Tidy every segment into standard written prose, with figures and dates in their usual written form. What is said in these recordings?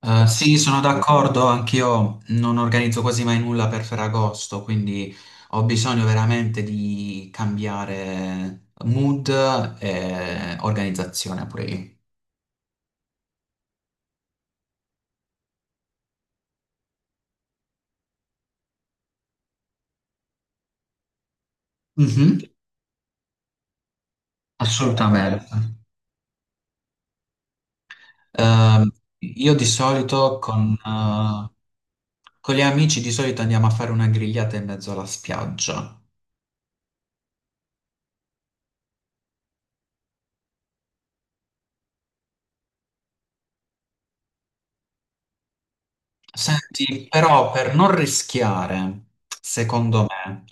Sì, sono d'accordo, anch'io non organizzo quasi mai nulla per Ferragosto, quindi ho bisogno veramente di cambiare mood e organizzazione pure io. Mhm, assolutamente. Ehm, io di solito con gli amici di solito andiamo a fare una grigliata in mezzo alla spiaggia. Senti, però per non rischiare, secondo me.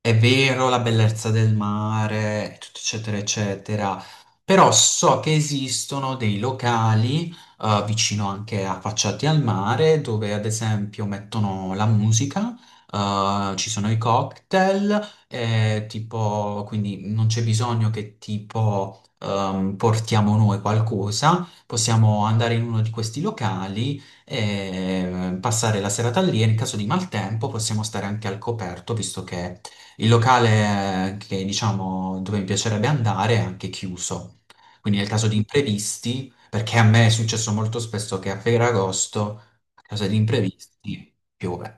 È vero la bellezza del mare, tutto eccetera, eccetera, però so che esistono dei locali vicino anche affacciati al mare dove ad esempio mettono la musica, ci sono i cocktail, tipo, quindi non c'è bisogno che tipo portiamo noi qualcosa, possiamo andare in uno di questi locali e passare la serata lì e in caso di maltempo possiamo stare anche al coperto visto che il locale che diciamo dove mi piacerebbe andare è anche chiuso, quindi nel caso di imprevisti, perché a me è successo molto spesso che a Ferragosto, a causa di imprevisti, piove.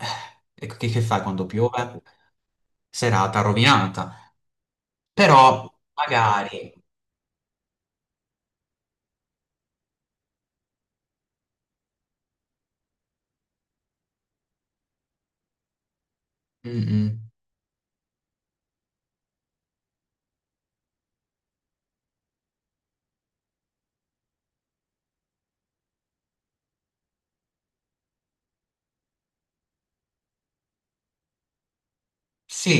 E che fai quando piove? Serata rovinata. Però magari, mm, mm, sì,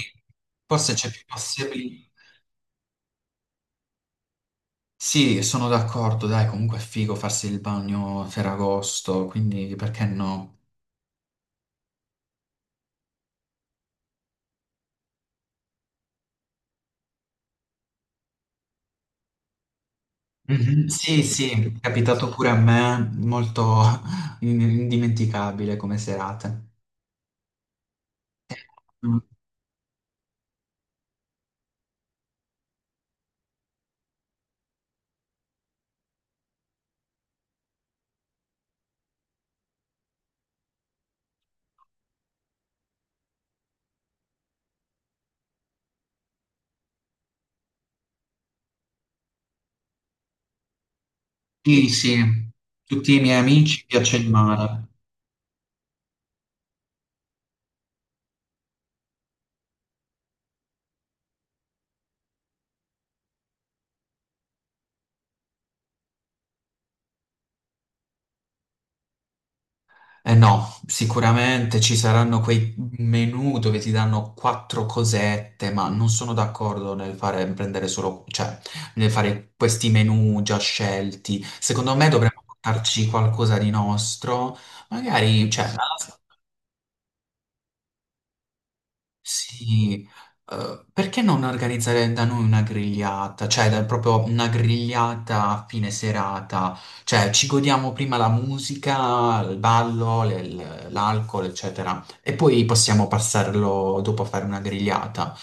forse c'è più possibilità. Sì, sono d'accordo, dai, comunque è figo farsi il bagno a Ferragosto, quindi perché no? Mhm. Sì, sì, è capitato pure a me, molto indimenticabile come serate. Mm. Sì, sì, tutti i miei amici piace il mare. Eh no, sicuramente ci saranno quei menù dove ti danno quattro cosette, ma non sono d'accordo nel fare, prendere solo, cioè, nel fare questi menù già scelti. Secondo me dovremmo portarci qualcosa di nostro, magari, cioè, sì, perché non organizzare da noi una grigliata? Cioè, proprio una grigliata a fine serata. Cioè, ci godiamo prima la musica, il ballo, l'alcol, eccetera. E poi possiamo passarlo dopo a fare una grigliata.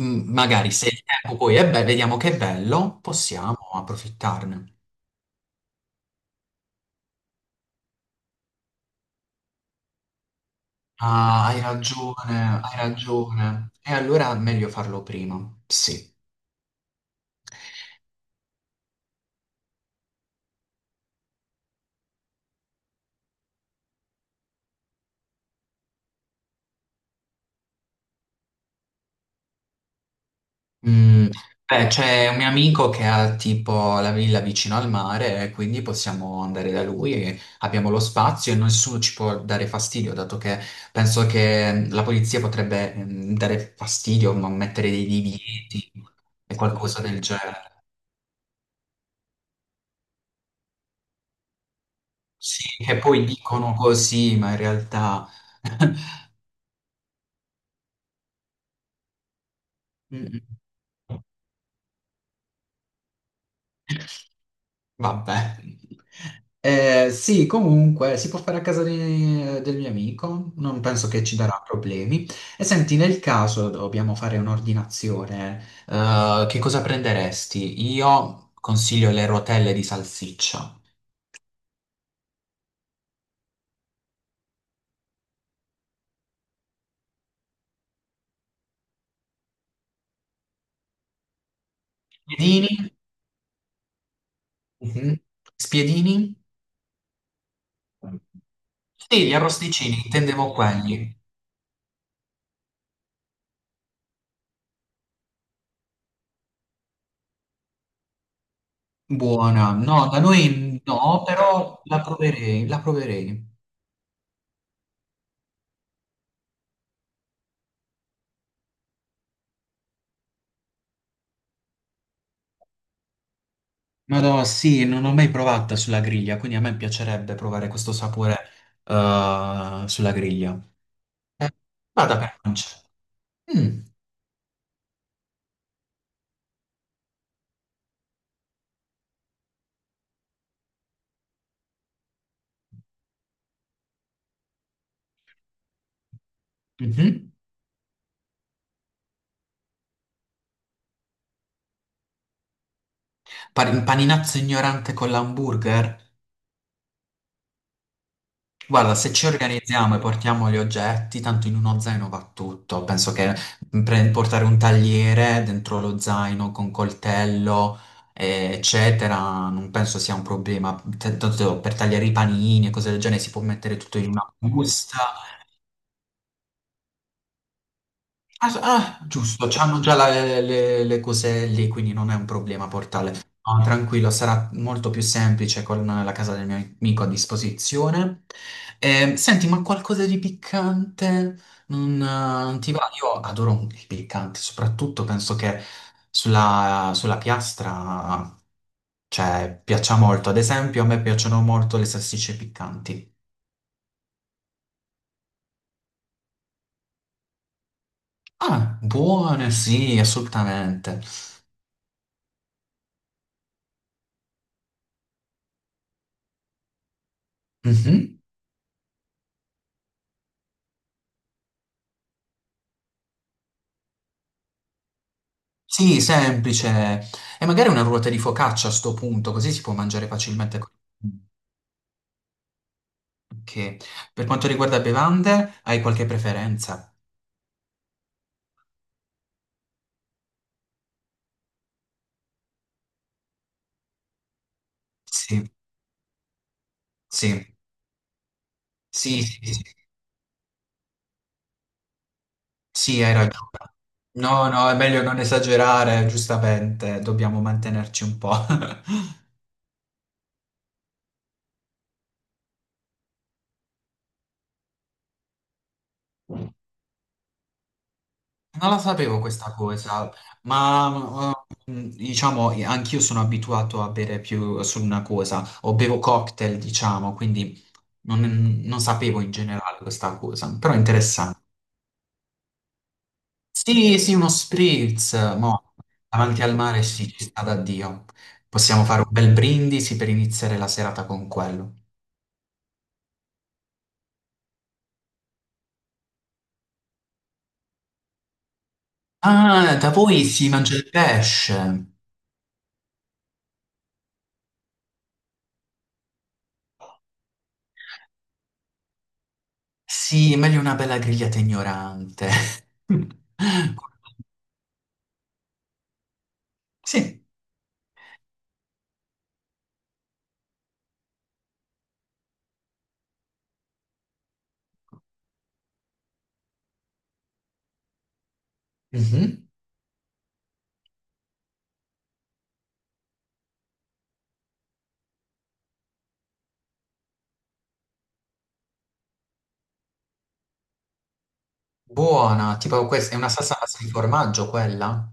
Mm, magari se il tempo poi è bello, vediamo che è bello, possiamo approfittarne. Ah, hai ragione, hai ragione. E allora è meglio farlo prima. Sì. Mm, beh, c'è un mio amico che ha tipo la villa vicino al mare, quindi possiamo andare da lui, e abbiamo lo spazio e nessuno ci può dare fastidio, dato che penso che la polizia potrebbe dare fastidio, ma mettere dei divieti e qualcosa del genere. Sì, che poi dicono così, ma in realtà... Mm, mm. Vabbè. Sì, comunque si può fare a casa del mio amico, non penso che ci darà problemi. E senti, nel caso dobbiamo fare un'ordinazione, che cosa prenderesti? Io consiglio le rotelle di salsiccia. Spiedini? Mhm. Spiedini? Sì, gli arrosticini, intendevo quelli. Buona. No, da noi no, però la proverei, la proverei. Madò, sì, non l'ho mai provata sulla griglia, quindi a me piacerebbe provare questo sapore sulla griglia. Eh, vada per pancia. Mm, mhm. Un paninazzo ignorante con l'hamburger? Guarda, se ci organizziamo e portiamo gli oggetti, tanto in uno zaino va tutto. Penso che portare un tagliere dentro lo zaino con coltello, eccetera, non penso sia un problema. Tanto per tagliare i panini e cose del genere si può mettere tutto in una busta. Ah, giusto, c'hanno già le cose lì, quindi non è un problema portale. No, tranquillo, sarà molto più semplice con la casa del mio amico a disposizione. Senti, ma qualcosa di piccante non ti va? Io adoro il piccante, soprattutto penso che sulla piastra, cioè, piaccia molto. Ad esempio, a me piacciono molto le salsicce piccanti. Ah, buone, sì, assolutamente. Mhm. Sì, semplice. E magari una ruota di focaccia a sto punto, così si può mangiare facilmente. Con- Ok. Per quanto riguarda bevande, hai qualche preferenza? Sì, sì, sì, sì, sì, sì, hai ragione. No, no, è meglio non esagerare, giustamente, dobbiamo mantenerci un po'. Non la sapevo questa cosa, ma diciamo, anch'io sono abituato a bere più solo una cosa, o bevo cocktail, diciamo, quindi non sapevo in generale questa cosa, però è interessante. Sì, sì, uno spritz, mo, davanti al mare sì, ci sta da Dio. Possiamo fare un bel brindisi per iniziare la serata con quello. Ah, da voi si mangia il pesce. Sì, meglio una bella grigliata ignorante. Sì. Mhm. Buona, tipo questa è una salsa a base di formaggio quella?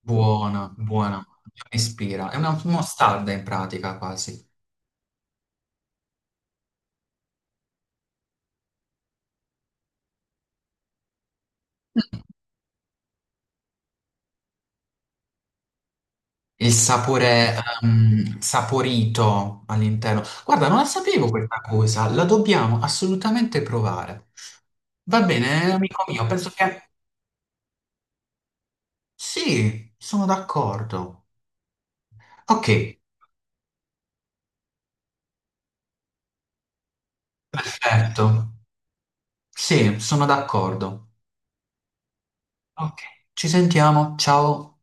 Buona, buona, mi ispira. È una mostarda in pratica quasi. Il sapore saporito all'interno. Guarda, non la sapevo questa cosa, la dobbiamo assolutamente provare. Va bene, amico mio, penso che sì, sono d'accordo. Ok, perfetto. Sì, sono d'accordo. Ci sentiamo, ciao.